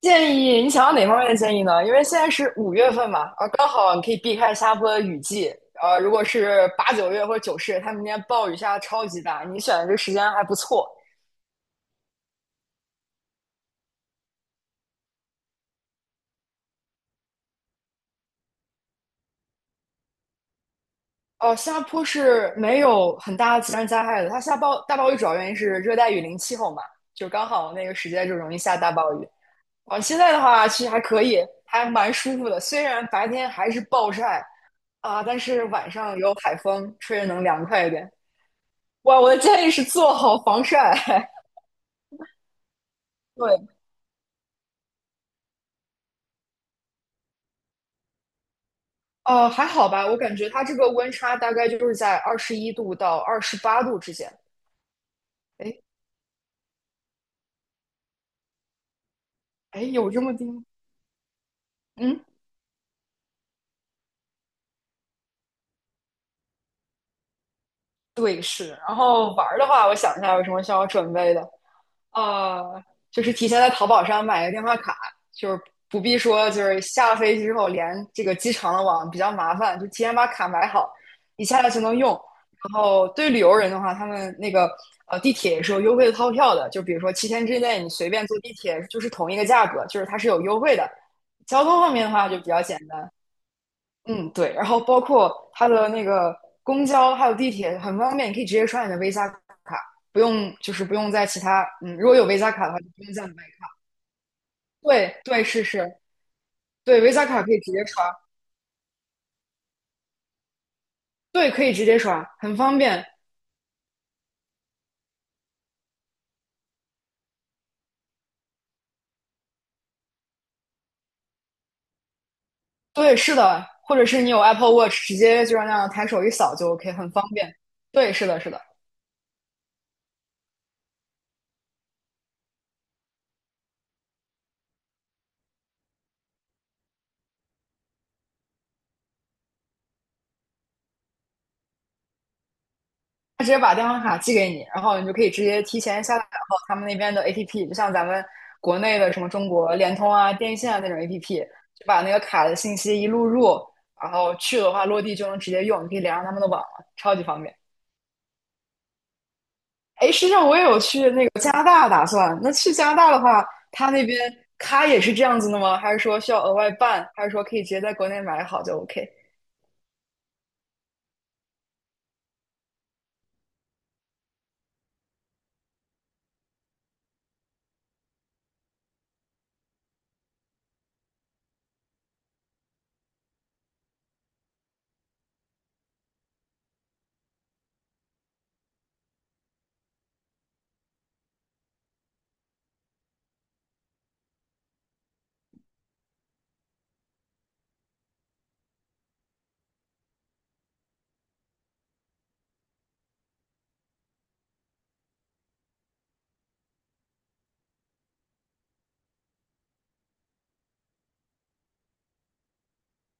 建议你想要哪方面的建议呢？因为现在是五月份嘛，啊，刚好你可以避开新加坡的雨季。如果是八九月或者九十月，它明边暴雨下的超级大，你选的这个时间还不错。哦，新加坡是没有很大的自然灾害的，它下暴大暴雨主要原因是热带雨林气候嘛，就刚好那个时间就容易下大暴雨。啊，现在的话其实还可以，还蛮舒服的，虽然白天还是暴晒啊，但是晚上有海风，吹着能凉快一点。哇，我的建议是做好防晒。对，还好吧，我感觉它这个温差大概就是在21度到28度之间。哎哎，有这么低吗？嗯，对，是。然后玩儿的话，我想一下有什么需要准备的。呃，就是提前在淘宝上买个电话卡，就是不必说就是下了飞机之后连这个机场的网比较麻烦，就提前把卡买好，一下来就能用。然后对旅游人的话，他们那个地铁也是有优惠的套票的，就比如说7天之内你随便坐地铁就是同一个价格，就是它是有优惠的。交通方面的话就比较简单。嗯，对，然后包括它的那个公交还有地铁很方便，你可以直接刷你的 Visa 卡，不用在其他，嗯，如果有 Visa 卡的话就不用再买卡。对对是是，对 Visa 卡可以直接刷，对可以直接刷，很方便。对是的，或者是你有 Apple Watch，直接就让那样抬手一扫就 OK，很方便。对是的是的，他直接把电话卡寄给你，然后你就可以直接提前下载然后他们那边的 APP，就像咱们国内的什么中国联通啊、电信啊那种 APP，就把那个卡的信息一录入，然后去的话落地就能直接用，你可以连上他们的网了，超级方便。哎，实际上我也有去那个加拿大打算，那去加拿大的话，他那边卡也是这样子的吗？还是说需要额外办？还是说可以直接在国内买好就 OK？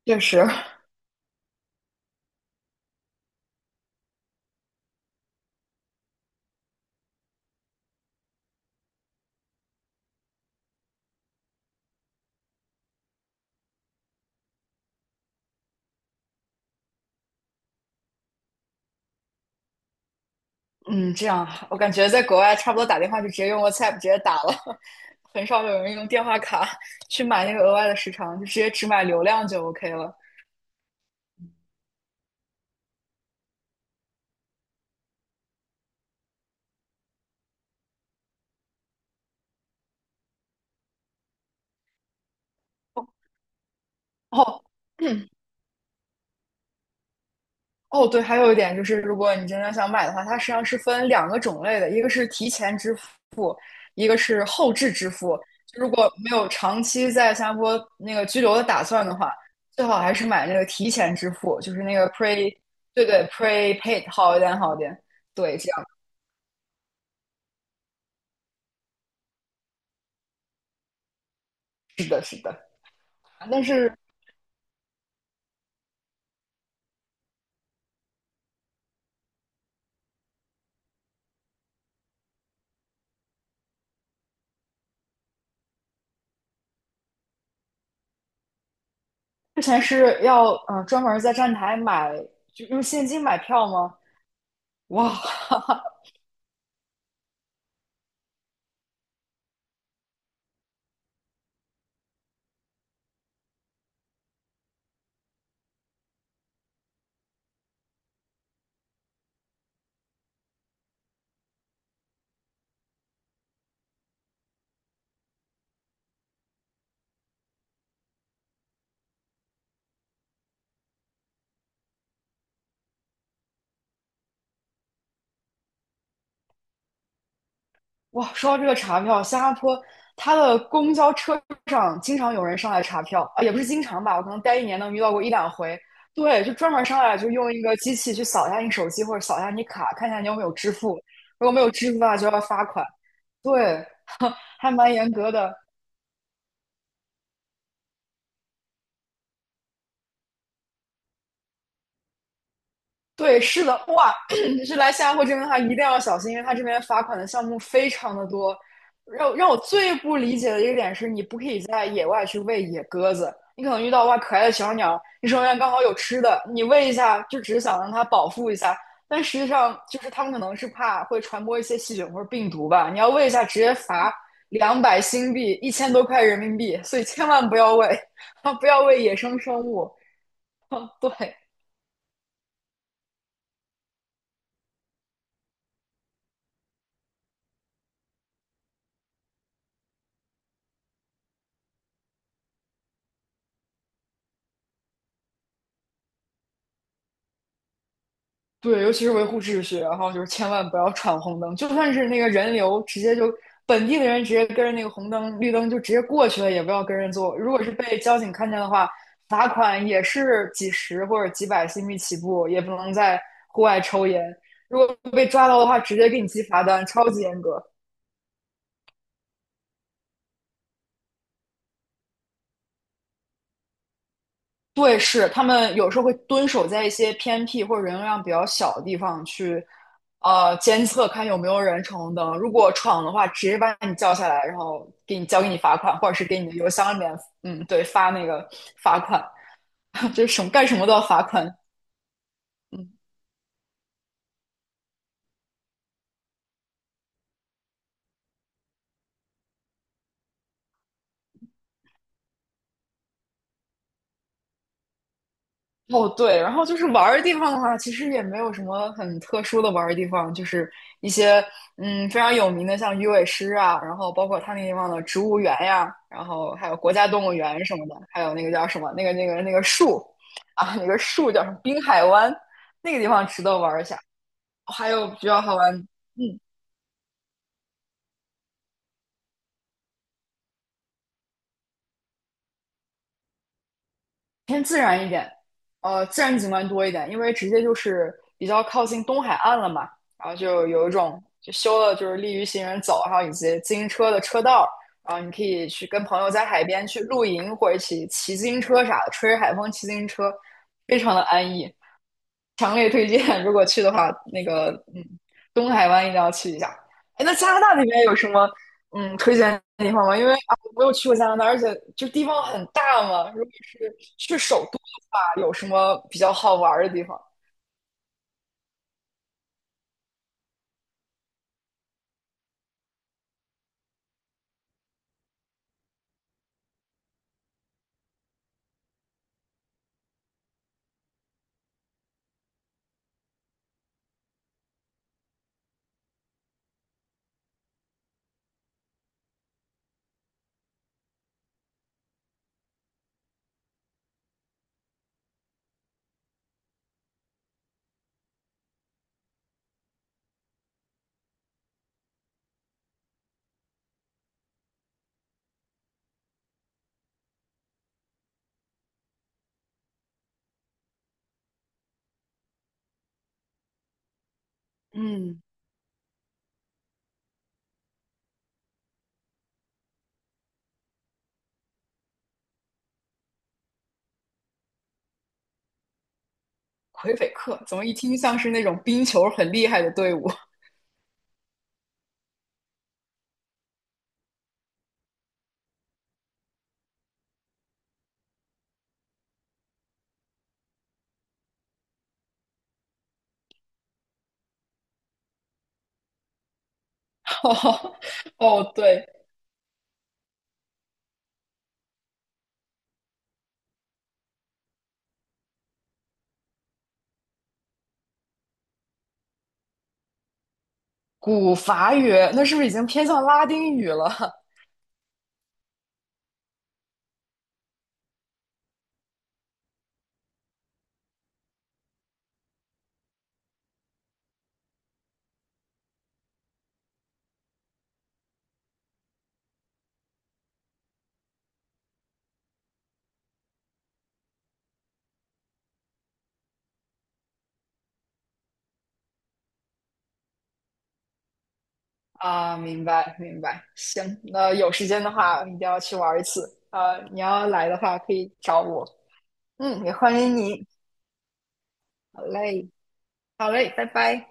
确实，嗯，这样我感觉在国外差不多打电话就直接用 WhatsApp 直接打了，很少有人用电话卡去买那个额外的时长，就直接只买流量就 OK 了。哦，哦嗯哦，对，还有一点就是，如果你真的想买的话，它实际上是分两个种类的，一个是提前支付，一个是后置支付。就如果没有长期在新加坡那个居留的打算的话，最好还是买那个提前支付，就是那个 pre，对对，prepaid 好一点，好一点。对，这样是的，是的。但是之前是要嗯专门在站台买，就用现金买票吗？哇哈哈，哇，说到这个查票，新加坡它的公交车上经常有人上来查票啊，也不是经常吧，我可能待1年能遇到过一两回。对，就专门上来就用一个机器去扫一下你手机或者扫一下你卡，看一下你有没有支付。如果没有支付的话，就要罚款。对，还蛮严格的。对，是的，哇，是来新加坡这边的话，一定要小心，因为他这边罚款的项目非常的多。让我最不理解的一个点是，你不可以在野外去喂野鸽子，你可能遇到哇可爱的小鸟，你手上刚好有吃的，你喂一下，就只是想让它饱腹一下，但实际上就是他们可能是怕会传播一些细菌或者病毒吧，你要喂一下，直接罚200新币，一千多块人民币，所以千万不要喂，啊，不要喂野生生物。啊，对，对，尤其是维护秩序，然后就是千万不要闯红灯，就算是那个人流，直接就本地的人直接跟着那个红灯、绿灯就直接过去了，也不要跟人做。如果是被交警看见的话，罚款也是几十或者几百新币起步，也不能在户外抽烟。如果被抓到的话，直接给你记罚单，超级严格。对，是他们有时候会蹲守在一些偏僻或者人流量比较小的地方去，监测看有没有人闯红灯。如果闯的话，直接把你叫下来，然后给你交给你罚款，或者是给你的邮箱里面，嗯，对，发那个罚款。就是什么干什么都要罚款，哦，对，然后就是玩儿的地方的话，其实也没有什么很特殊的玩儿的地方，就是一些嗯非常有名的，像鱼尾狮啊，然后包括它那地方的植物园呀，然后还有国家动物园什么的，还有那个叫什么那个树啊，那个树叫什么滨海湾，那个地方值得玩儿一下。哦还有比较好玩，嗯，偏自然一点，自然景观多一点，因为直接就是比较靠近东海岸了嘛，然后就有一种就修了就是利于行人走，还有以及自行车的车道，然后你可以去跟朋友在海边去露营或者一起骑自行车啥的，吹着海风骑自行车，非常的安逸，强烈推荐，如果去的话，那个嗯，东海湾一定要去一下。哎，那加拿大那边有什么嗯，推荐的地方吗？因为啊，我没有去过加拿大，而且就地方很大嘛。如果是去首都的话，有什么比较好玩儿的地方？嗯，魁北克怎么一听像是那种冰球很厉害的队伍？哦，对，古法语，那是不是已经偏向拉丁语了？啊，明白明白。行，那有时间的话一定要去玩一次。啊，你要来的话可以找我。嗯，也欢迎你。好嘞，好嘞，拜拜。